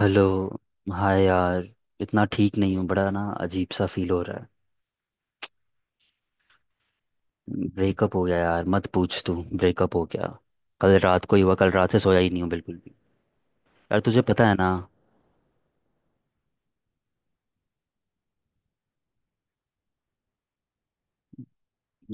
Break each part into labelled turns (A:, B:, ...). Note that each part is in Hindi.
A: हेलो। हाय यार, इतना ठीक नहीं हूँ। बड़ा ना अजीब सा फील हो रहा है। ब्रेकअप हो गया यार, मत पूछ। तू ब्रेकअप हो गया, कल रात को ही हुआ। कल रात से सोया ही नहीं हूँ बिल्कुल भी। यार तुझे पता है ना,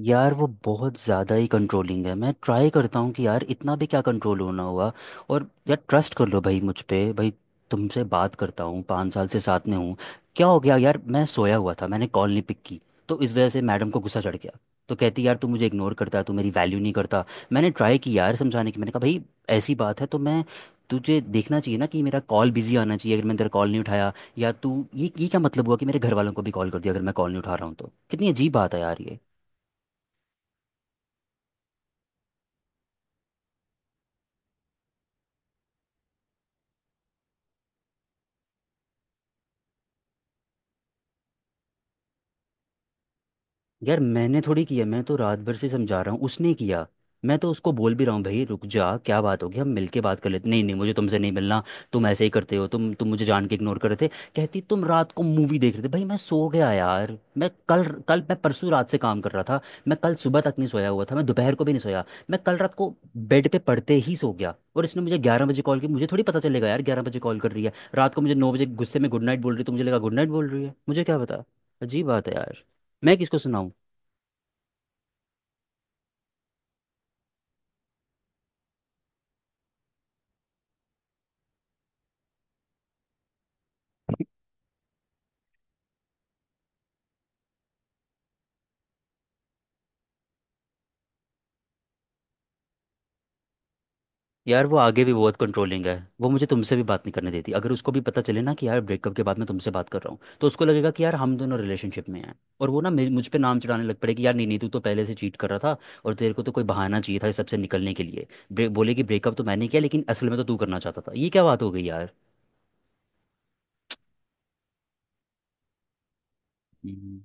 A: यार वो बहुत ज़्यादा ही कंट्रोलिंग है। मैं ट्राई करता हूँ कि यार इतना भी क्या कंट्रोल होना हुआ। और यार ट्रस्ट कर लो भाई, मुझ पे भाई। तुमसे बात करता हूँ, पाँच साल से साथ में हूँ। क्या हो गया यार, मैं सोया हुआ था, मैंने कॉल नहीं पिक की। तो इस वजह से मैडम को गुस्सा चढ़ गया। तो कहती यार तू मुझे इग्नोर करता है, तू मेरी वैल्यू नहीं करता। मैंने ट्राई की यार समझाने की, मैंने कहा भाई ऐसी बात है तो मैं, तुझे देखना चाहिए ना कि मेरा कॉल बिजी आना चाहिए अगर मैंने तेरा कॉल नहीं उठाया। या तू ये क्या मतलब हुआ कि मेरे घर वालों को भी कॉल कर दिया अगर मैं कॉल नहीं उठा रहा हूँ तो। कितनी अजीब बात है यार ये। यार मैंने थोड़ी किया, मैं तो रात भर से समझा रहा हूँ, उसने किया। मैं तो उसको बोल भी रहा हूँ भाई रुक जा, क्या बात होगी, हम मिलके बात कर लेते। नहीं नहीं मुझे तुमसे नहीं मिलना, तुम ऐसे ही करते हो, तुम मुझे जान के इग्नोर कर रहे थे। कहती तुम रात को मूवी देख रहे थे। भाई मैं सो गया यार, मैं कल कल मैं परसों रात से काम कर रहा था। मैं कल सुबह तक नहीं सोया हुआ था, मैं दोपहर को भी नहीं सोया। मैं कल रात को बेड पे पड़ते ही सो गया और इसने मुझे ग्यारह बजे कॉल की। मुझे थोड़ी पता चलेगा यार ग्यारह बजे कॉल कर रही है रात को। मुझे नौ बजे गुस्से में गुड नाइट बोल रही है, तो मुझे लगा गुड नाइट बोल रही है, मुझे क्या पता। अजीब बात है यार, मैं किसको सुनाऊं। यार वो आगे भी बहुत कंट्रोलिंग है। वो मुझे तुमसे भी बात नहीं करने देती। अगर उसको भी पता चले ना कि यार ब्रेकअप के बाद मैं तुमसे बात कर रहा हूँ, तो उसको लगेगा कि यार हम दोनों रिलेशनशिप में हैं। और वो ना मुझ पे नाम चढ़ाने लग पड़ेगी यार, नहीं नहीं तू तो पहले से चीट कर रहा था और तेरे को तो कोई बहाना चाहिए था इस सबसे निकलने के लिए। ब्रेक बोले कि ब्रेकअप तो मैंने किया लेकिन असल में तो तू करना चाहता था। ये क्या बात हो गई यार। हम्म,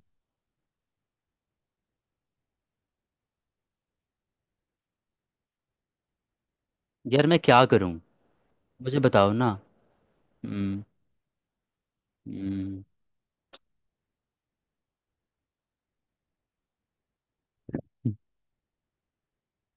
A: यार मैं क्या करूँ, मुझे बताओ ना। हम्म। हम्म।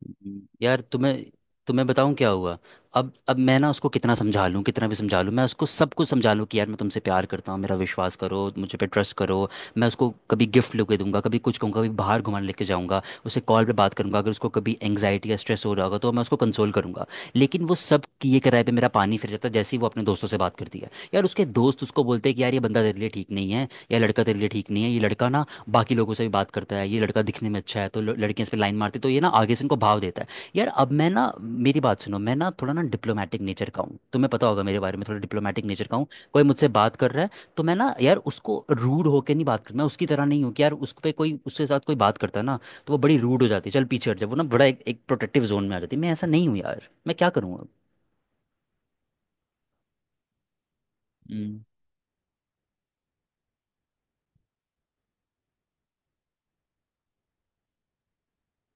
A: यार तुम्हें तुम्हें बताऊं क्या हुआ। अब मैं ना उसको कितना समझा लूं, कितना भी समझा लूं, मैं उसको सब कुछ समझा लूं कि यार मैं तुमसे प्यार करता हूँ, मेरा विश्वास करो, मुझे पे ट्रस्ट करो। मैं उसको कभी गिफ्ट लेके दूंगा, कभी कुछ कहूँगा, कभी बाहर घुमाने लेके जाऊंगा। उसे कॉल पे बात करूंगा, अगर उसको कभी एंग्जाइटी या स्ट्रेस हो रहा होगा तो मैं उसको कंसोल करूंगा। लेकिन वो सब किए कराए पे मेरा पानी फिर जाता है जैसे ही वो अपने दोस्तों से बात करती है। यार उसके दोस्त उसको बोलते हैं कि यार ये बंदा तेरे लिए ठीक नहीं है, या लड़का तेरे लिए ठीक नहीं है, ये लड़का ना बाकी लोगों से भी बात करता है, ये लड़का दिखने में अच्छा है तो लड़कियां इस पे लाइन मारती, तो ये ना आगे से इनको भाव देता है। यार अब मैं ना, मेरी बात सुनो, मैं ना थोड़ा ना डिप्लोमेटिक नेचर का हूँ, तुम्हें पता होगा मेरे बारे में, थोड़ा डिप्लोमेटिक नेचर का हूँ। कोई मुझसे बात कर रहा है तो मैं ना यार उसको रूड होकर नहीं बात करता। मैं उसकी तरह नहीं हूँ कि यार उस पे कोई, उसके साथ कोई बात करता है ना तो वो बड़ी रूड हो जाती है, चल पीछे हट जाए, वो ना बड़ा एक प्रोटेक्टिव जोन में आ जाती है। मैं ऐसा नहीं हूँ यार, मैं क्या करूँ अब। हम्म।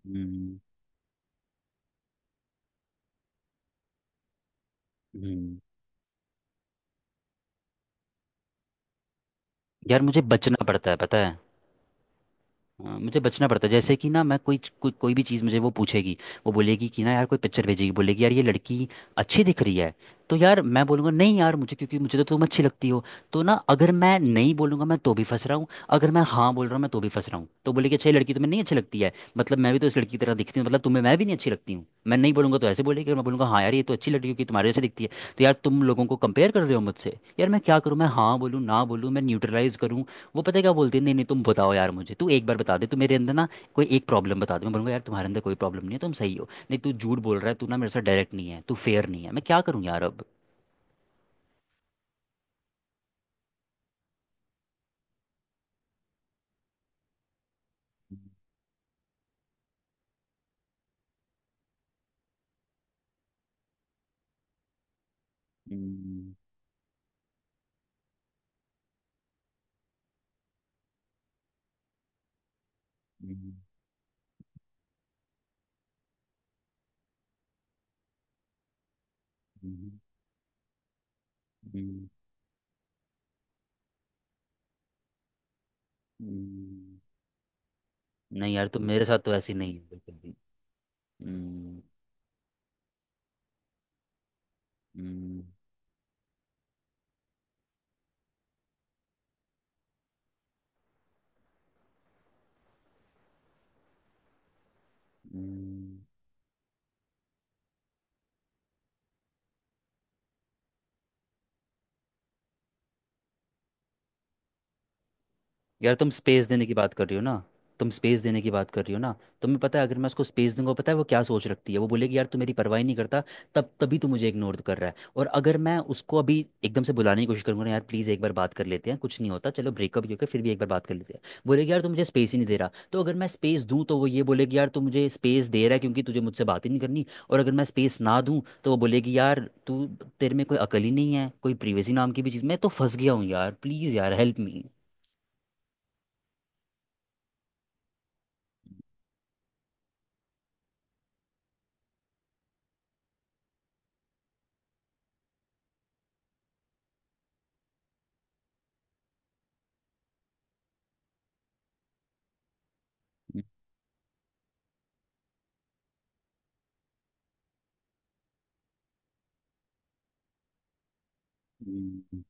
A: हम्म। हम्म। यार मुझे बचना पड़ता है पता है। हाँ, मुझे बचना पड़ता है। जैसे कि ना मैं कोई कोई कोई भी चीज़, मुझे वो पूछेगी, वो बोलेगी कि ना यार कोई पिक्चर भेजेगी, बोलेगी यार ये लड़की अच्छी दिख रही है। तो यार मैं बोलूँगा नहीं यार मुझे, क्योंकि मुझे तो तुम अच्छी लगती हो। तो ना अगर मैं नहीं बोलूँगा मैं तो भी फंस रहा हूँ, अगर मैं हाँ बोल रहा हूँ मैं तो भी फंस रहा हूँ। तो बोलेगी अच्छा ये लड़की तुम्हें नहीं अच्छी लगती है, मतलब मैं भी तो इस लड़की की तरह दिखती हूँ, मतलब तुम्हें मैं भी नहीं अच्छी लगती हूँ। मैं नहीं बोलूँगा तो ऐसे बोलेगी, और मैं बोलूँगा हाँ यार ये तो अच्छी लड़की क्योंकि तुम्हारे जैसे दिखती है, तो यार तुम लोगों को कंपेयर कर रहे हो मुझसे। यार मैं क्या करूँ, मैं हाँ बोलूँ, ना बोलूँ, मैं न्यूट्रलाइज करूँ। वो पता है क्या बोलती है, नहीं नहीं तुम बताओ यार मुझे, तू एक बार बता दे, तू मेरे अंदर ना कोई एक प्रॉब्लम बता दे। मैं बोलूंगा यार तुम्हारे अंदर कोई प्रॉब्लम नहीं है, तुम सही हो। नहीं तू झूठ बोल रहा है, तू ना मेरे साथ डायरेक्ट नहीं है, तू फेयर नहीं है। मैं क्या करूँ यार अब। हम्म। हम्म। हम्म। हम्म। हम्म। नहीं यार तुम मेरे साथ तो ऐसी नहीं है बिल्कुल भी। हम्म। हम्म। हम्म। यार तुम स्पेस देने की बात कर रही हो ना, तुम स्पेस देने की बात कर रही हो ना, तुम्हें पता है अगर मैं उसको स्पेस दूंगा, पता है वो क्या सोच रखती है। वो बोलेगी यार तू मेरी परवाह ही नहीं करता, तब तभी तू मुझे इग्नोर कर रहा है। और अगर मैं उसको अभी एकदम से बुलाने की कोशिश करूंगा ना, यार प्लीज़ एक बार बात कर लेते हैं, कुछ नहीं होता, चलो ब्रेकअप ही होकर फिर भी एक बार बात कर लेते हैं, बोलेगी यार तू मुझे स्पेस ही नहीं दे रहा। तो अगर मैं स्पेस दूँ तो वो ये बोलेगी यार तू मुझे स्पेस दे रहा है क्योंकि तुझे मुझसे बात ही नहीं करनी, और अगर मैं स्पेस ना दूँ तो वो बोलेगी यार तू, तेरे में कोई अकल ही नहीं है, कोई प्रिवेसी नाम की भी चीज़। मैं तो फंस गया हूँ यार, प्लीज़ यार हेल्प मी। हम्म।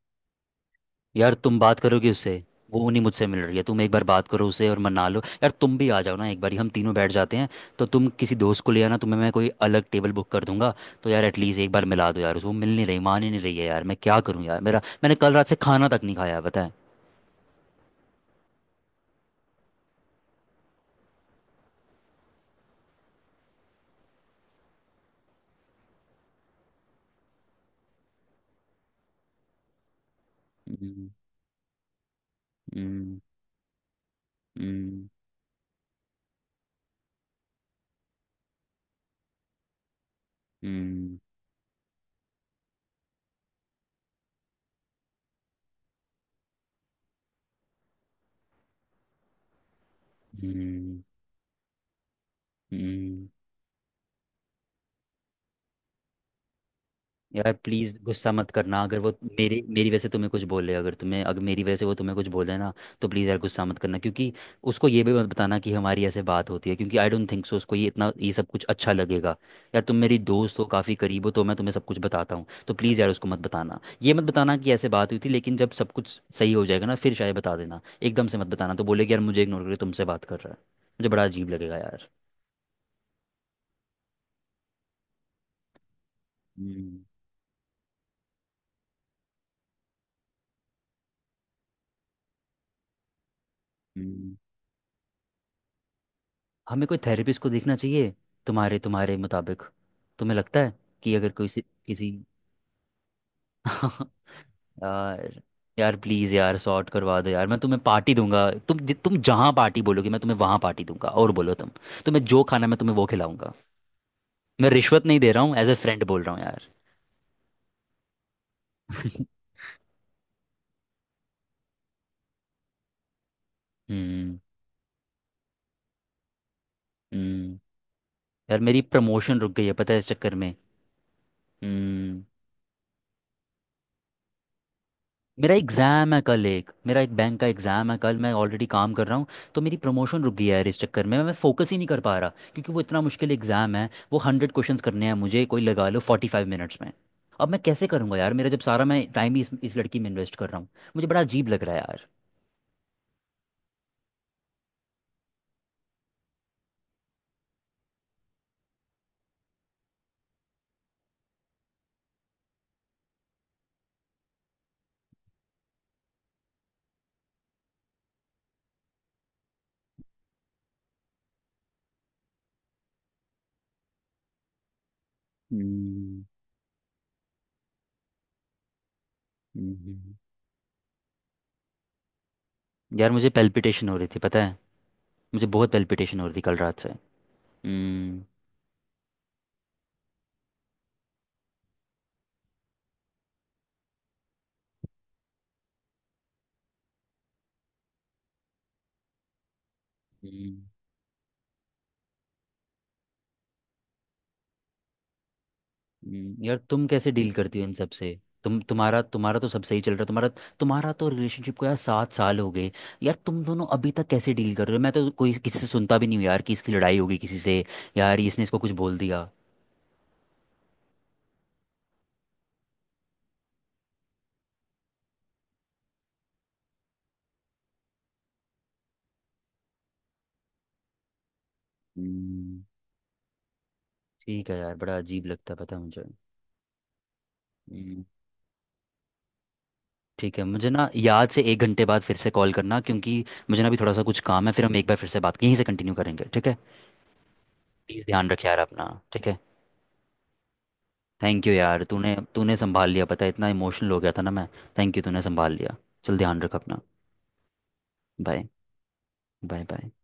A: यार तुम बात करोगे उससे, वो नहीं मुझसे मिल रही है, तुम एक बार बात करो उसे और मना लो। यार तुम भी आ जाओ ना एक बार, हम तीनों बैठ जाते हैं, तो तुम किसी दोस्त को ले आना, तुम्हें मैं कोई अलग टेबल बुक कर दूंगा। तो यार एटलीस्ट एक बार मिला दो यार उसको, वो मिल नहीं रही, मान ही नहीं रही है। यार मैं क्या करूँ यार, मेरा, मैंने कल रात से खाना तक नहीं खाया पता है। हम्म। हम्म। हम्म। हम्म। हम्म। हम्म। यार प्लीज़ गुस्सा मत करना, अगर वो मेरी मेरी वजह से तुम्हें कुछ बोले, अगर तुम्हें, अगर मेरी वजह से वो तुम्हें कुछ बोले ना, तो प्लीज़ यार गुस्सा मत करना। क्योंकि उसको ये भी मत बताना कि हमारी ऐसे बात होती है, क्योंकि आई डोंट थिंक सो उसको ये इतना, ये सब कुछ अच्छा लगेगा। यार तुम मेरी दोस्त हो, काफ़ी करीब हो, तो मैं तुम्हें सब कुछ बताता हूँ, तो प्लीज़ यार उसको मत बताना, ये मत बताना कि ऐसे बात हुई थी। लेकिन जब सब कुछ सही हो जाएगा ना फिर शायद बता देना, एकदम से मत बताना, तो बोले कि यार मुझे इग्नोर करके तुमसे बात कर रहा है। मुझे बड़ा अजीब लगेगा यार। हम्म। हम्म। हमें कोई थेरेपिस्ट को देखना चाहिए, तुम्हारे तुम्हारे मुताबिक तुम्हें लगता है कि अगर कोई किसी यार, यार प्लीज़ यार सॉर्ट करवा दो यार, मैं तुम्हें पार्टी दूंगा, तुम जहाँ पार्टी बोलोगे मैं तुम्हें वहाँ पार्टी दूंगा, और बोलो तुम, तुम्हें जो खाना मैं तुम्हें वो खिलाऊंगा। मैं रिश्वत नहीं दे रहा हूँ, एज ए फ्रेंड बोल रहा हूँ यार। हम्म। हम्म। यार मेरी प्रमोशन रुक गई है पता है इस चक्कर में। हम्म। मेरा एग्ज़ाम है कल, एक मेरा एक बैंक का एग्ज़ाम है कल, मैं ऑलरेडी काम कर रहा हूँ। तो मेरी प्रमोशन रुक गई है यार इस चक्कर में, मैं फोकस ही नहीं कर पा रहा क्योंकि वो इतना मुश्किल एग्ज़ाम है। वो हंड्रेड क्वेश्चंस करने हैं मुझे कोई लगा लो फोर्टी फाइव मिनट्स में। अब मैं कैसे करूँगा यार, मेरा जब सारा मैं टाइम ही इस लड़की में इन्वेस्ट कर रहा हूँ। मुझे बड़ा अजीब लग रहा है यार। हम्म। हम्म, यार मुझे पेल्पिटेशन हो रही थी पता है, मुझे बहुत पेल्पिटेशन हो रही थी कल रात से। हम्म। हम्म। यार तुम कैसे डील करती हो इन सब से, तुम्हारा तो सब सही चल रहा है, तुम्हारा तुम्हारा तो रिलेशनशिप को यार सात साल हो गए। यार तुम दोनों अभी तक कैसे डील कर रहे हो, मैं तो कोई किसी से सुनता भी नहीं हूँ यार कि इसकी लड़ाई होगी किसी से, यार इसने इसको कुछ बोल दिया। हम्म, ठीक है यार, बड़ा अजीब लगता है पता है मुझे। हम्म, ठीक है। मुझे ना याद से एक घंटे बाद फिर से कॉल करना, क्योंकि मुझे ना अभी थोड़ा सा कुछ काम है, फिर हम एक बार फिर से बात यहीं से कंटिन्यू करेंगे ठीक है। प्लीज़ ध्यान रख यार अपना। ठीक है। थैंक यू यार, तूने तूने संभाल लिया पता है, इतना इमोशनल हो गया था ना मैं। थैंक यू, तूने संभाल लिया। चल ध्यान रख अपना। बाय। Bye bye.